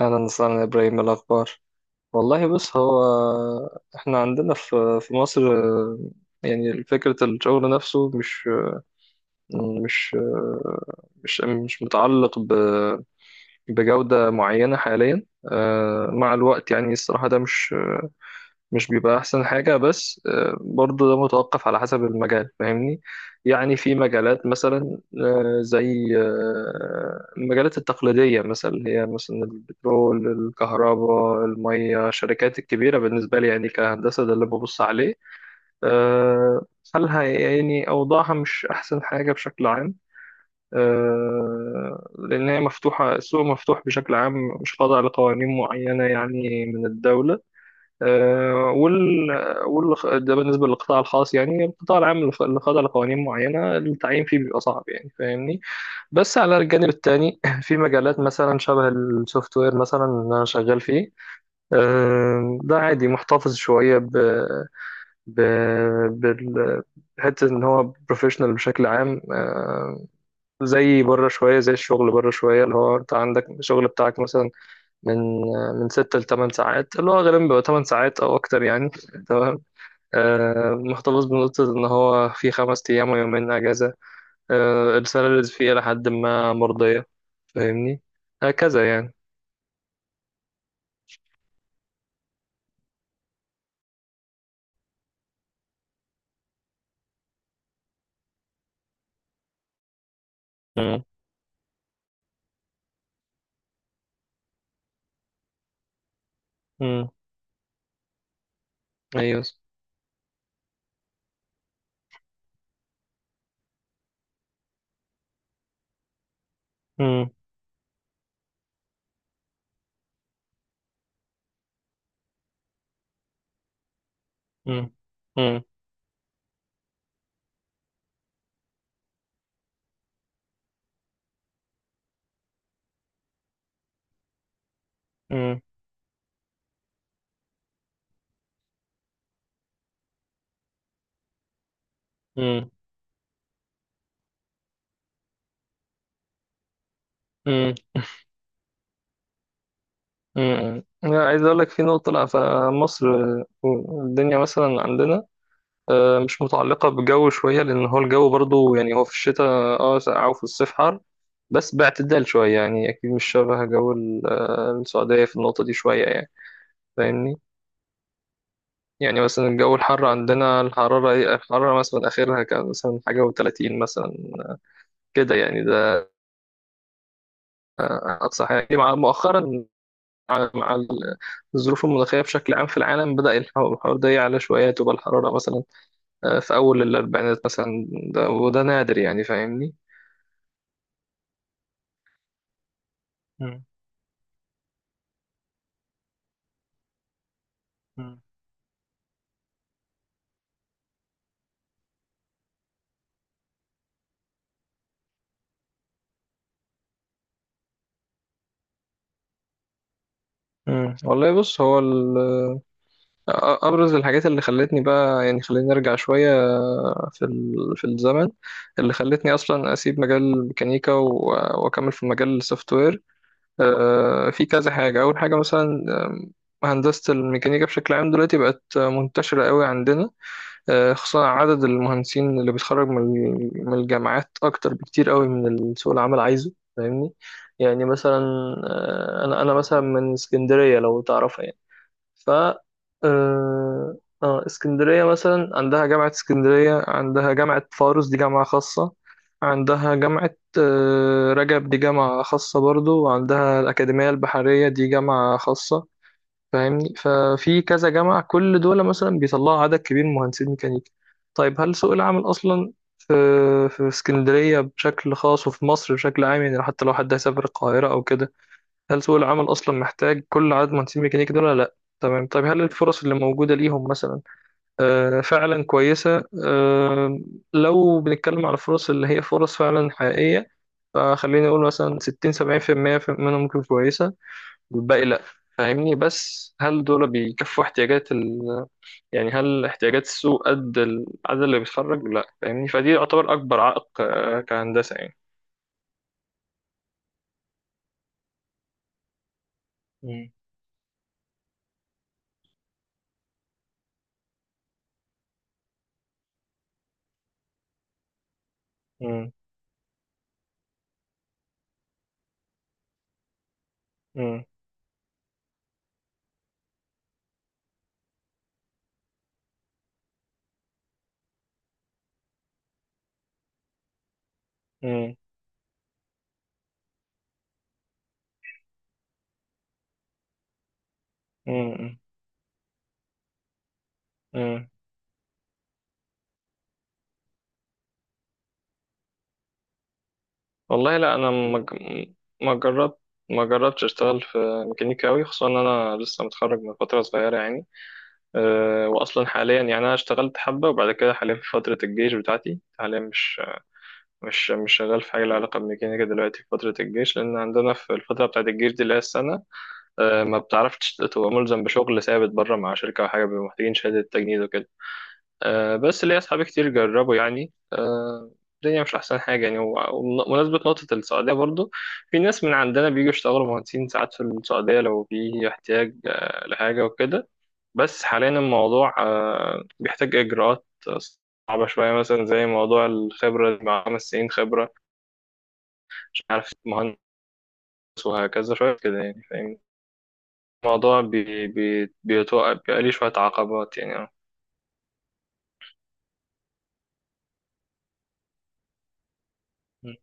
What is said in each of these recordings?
أهلا وسهلا يا إبراهيم، إيه الأخبار؟ والله بص، هو إحنا عندنا في مصر، يعني فكرة الشغل نفسه مش مش آه، مش متعلق بجودة معينة حاليا. مع الوقت يعني الصراحة ده مش بيبقى احسن حاجة، بس برضه ده متوقف على حسب المجال، فاهمني؟ يعني في مجالات مثلا زي المجالات التقليدية، مثلا اللي هي مثلا البترول، الكهرباء، المية، الشركات الكبيرة بالنسبة لي يعني كهندسة، ده اللي ببص عليه. آه، حالها يعني أوضاعها مش أحسن حاجة بشكل عام، لأن هي مفتوحة، السوق مفتوح بشكل عام، مش خاضع لقوانين معينة يعني من الدولة. آه، وال وال ده بالنسبة للقطاع الخاص، يعني القطاع العام اللي خاضع لقوانين معينة التعيين فيه بيبقى صعب، يعني فاهمني. بس على الجانب التاني في مجالات مثلا شبه السوفت وير، مثلا اللي أنا شغال فيه. ده عادي، محتفظ شوية ب بال- بحتة إن هو بروفيشنال بشكل عام، زي بره شوية، زي الشغل بره شوية اللي هو أنت عندك الشغل بتاعك مثلا من من 6-8 ساعات، اللي هو غالبا بيبقى 8 ساعات أو أكتر يعني. تمام. محتفظ بنقطة إن هو في 5 أيام ويومين أجازة. السالاريز فيه إلى حد ما مرضية، فاهمني، هكذا يعني. مم. مم. أيوه. مم. مم. مم. مم. مم. مم. مم. لا، عايز أقول لك في نقطة. لأ، فمصر الدنيا مثلا عندنا مش متعلقة بجو شوية، لأن هو الجو برضو يعني، هو في الشتاء اه ساقع وفي الصيف حر، بس باعتدال شوية يعني، أكيد مش شبه جو السعودية في النقطة دي شوية يعني، فاهمني. يعني مثلا الجو الحر عندنا، الحرارة إيه، الحرارة مثلا آخرها كان مثلا حاجة و30 مثلا، كده يعني، ده أقصى حاجة يعني. مع مؤخرا، مع الظروف المناخية بشكل عام في العالم، بدأ الحوار ده يعلى شوية، تبقى الحرارة مثلا في أول الأربعينات مثلا. ده وده نادر يعني، فاهمني. مم. مم. مم. والله بص، هو أ- أبرز الحاجات اللي خلتني بقى يعني، خليني أرجع شوية في في الزمن اللي خلتني اصلا اسيب مجال الميكانيكا واكمل في مجال السوفت وير. في كذا حاجه، اول حاجه مثلا هندسه الميكانيكا بشكل عام دلوقتي بقت منتشره قوي عندنا. خصوصا عدد المهندسين اللي بيتخرج من الجامعات اكتر بكتير قوي من سوق العمل عايزه، فاهمني. يعني مثلا انا مثلا من اسكندريه لو تعرف. ف آه آه، اسكندرية مثلا عندها جامعة اسكندرية، عندها جامعة فاروس، دي جامعة خاصة، عندها جامعة رجب، دي جامعة خاصة برضو، وعندها الأكاديمية البحرية، دي جامعة خاصة. فاهمني، ففي كذا جامعة، كل دول مثلا بيطلعوا عدد كبير من مهندسين ميكانيكا. طيب، هل سوق العمل أصلا في في اسكندرية بشكل خاص وفي مصر بشكل عام، يعني حتى لو حد هيسافر القاهرة أو كده، هل سوق العمل أصلا محتاج كل عدد مهندسين ميكانيكا دول ولا لأ؟ تمام. طب هل الفرص اللي موجودة ليهم مثلا فعلا كويسة؟ لو بنتكلم على الفرص اللي هي فرص فعلا حقيقية، فخليني أقول مثلا 60-70% منهم ممكن كويسة، والباقي لأ، فاهمني. بس هل دول بيكفوا احتياجات يعني هل احتياجات السوق قد العدد اللي بيتخرج؟ لأ، فاهمني. فدي يعتبر أكبر عائق كهندسة يعني. مم. مم. مم. مم. مم. مم. والله لا، انا ما جربت ما جربتش اشتغل في ميكانيكا قوي، خصوصا ان انا لسه متخرج من فتره صغيره يعني. واصلا حاليا يعني، انا اشتغلت حبه وبعد كده حاليا في فتره الجيش بتاعتي، حاليا مش شغال في حاجه لها علاقه بالميكانيكا دلوقتي في فتره الجيش، لان عندنا في الفتره بتاعت الجيش دي اللي هي السنه، ما بتعرفش تبقى ملزم بشغل ثابت بره مع شركه او حاجه، بيبقوا محتاجين شهاده تجنيد وكده. بس ليا أصحابي كتير جربوا يعني، الدنيا مش أحسن حاجة يعني. ومناسبة نقطة السعودية برضو، في ناس من عندنا بيجوا يشتغلوا مهندسين ساعات في السعودية لو في احتياج لحاجة وكده. بس حاليا الموضوع بيحتاج إجراءات صعبة شوية، مثلا زي موضوع الخبرة، مع 5 سنين خبرة، مش عارف مهندس، وهكذا شوية كده يعني، فاهم؟ الموضوع بي بي بيتوقع بيبقى ليه شوية عقبات يعني اه. م-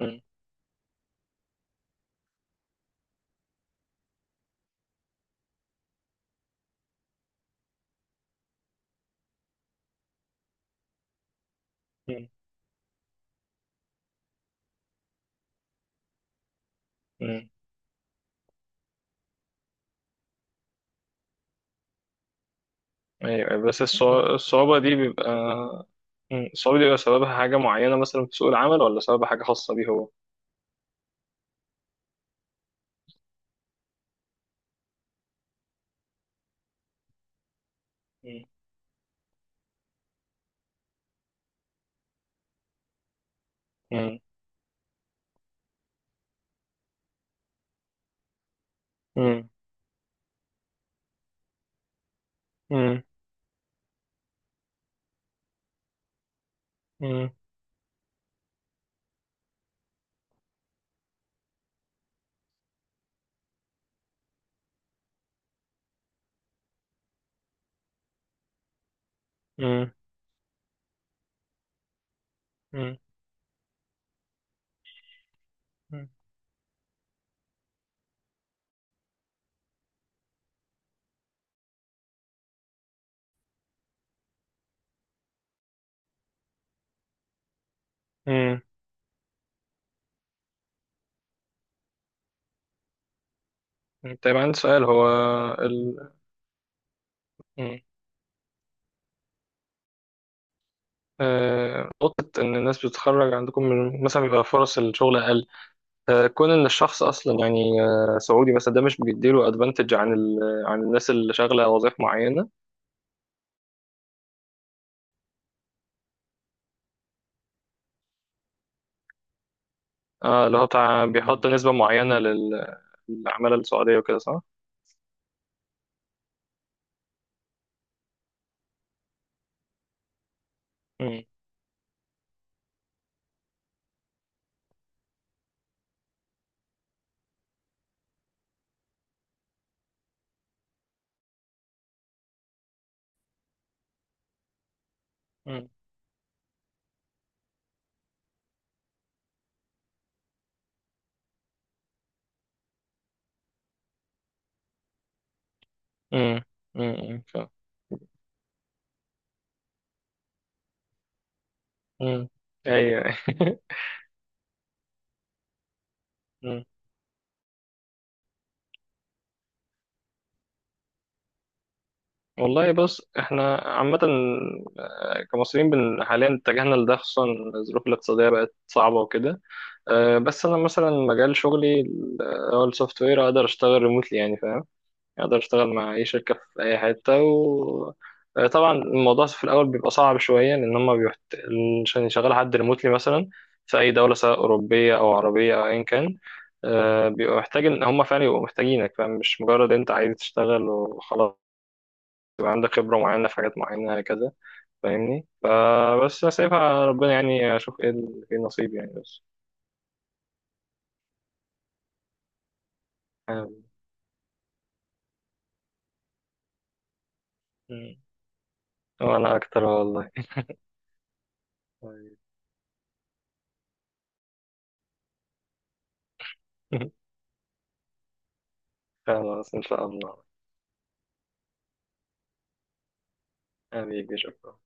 م- م- م- ايوه. بس الصعوبة دي بيبقى، مم، الصعوبة دي بيبقى سببها حاجة معينة مثلا في سوق العمل، ولا سببها حاجة خاصة بيه هو؟ مم. مم. مم. مم. مم. مم. مم. مم. مم. طيب، عندي سؤال. ال... مم. نقطة إن الناس بتتخرج عندكم من مثلا، بيبقى فرص الشغل أقل، كون إن الشخص أصلا يعني سعودي مثلا، ده مش بيديله أدفانتج عن عن الناس اللي شغالة وظائف معينة. اللي هو بتاع بيحط نسبة معينة للعمالة السعودية وكده، صح؟ مم. مم. مم. مم. مم. ايوه. مم. والله بص، احنا عامة كمصريين، حاليا اتجهنا لده، خصوصا الظروف الاقتصادية بقت صعبة وكده. بس انا مثلا مجال شغلي اللي هو السوفت وير، اقدر اشتغل ريموتلي يعني، فاهم؟ اقدر اشتغل مع اي شركه في اي حته، و طبعا الموضوع في الاول بيبقى صعب شويه، لان هم عشان يشغل حد ريموتلي مثلا في اي دوله، سواء اوروبيه او عربيه او ايا كان، بيبقى محتاج ان هم فعلا يبقوا محتاجينك، فاهم؟ مش مجرد انت عايز تشتغل وخلاص، يبقى عندك خبره معينه في حاجات معينه هكذا، فاهمني. فبس سايبها على ربنا يعني، اشوف ايه ايه النصيب يعني بس. آمين. مم. وانا اكتر والله. طيب. خلاص ان شاء الله. حبيبي شكرا.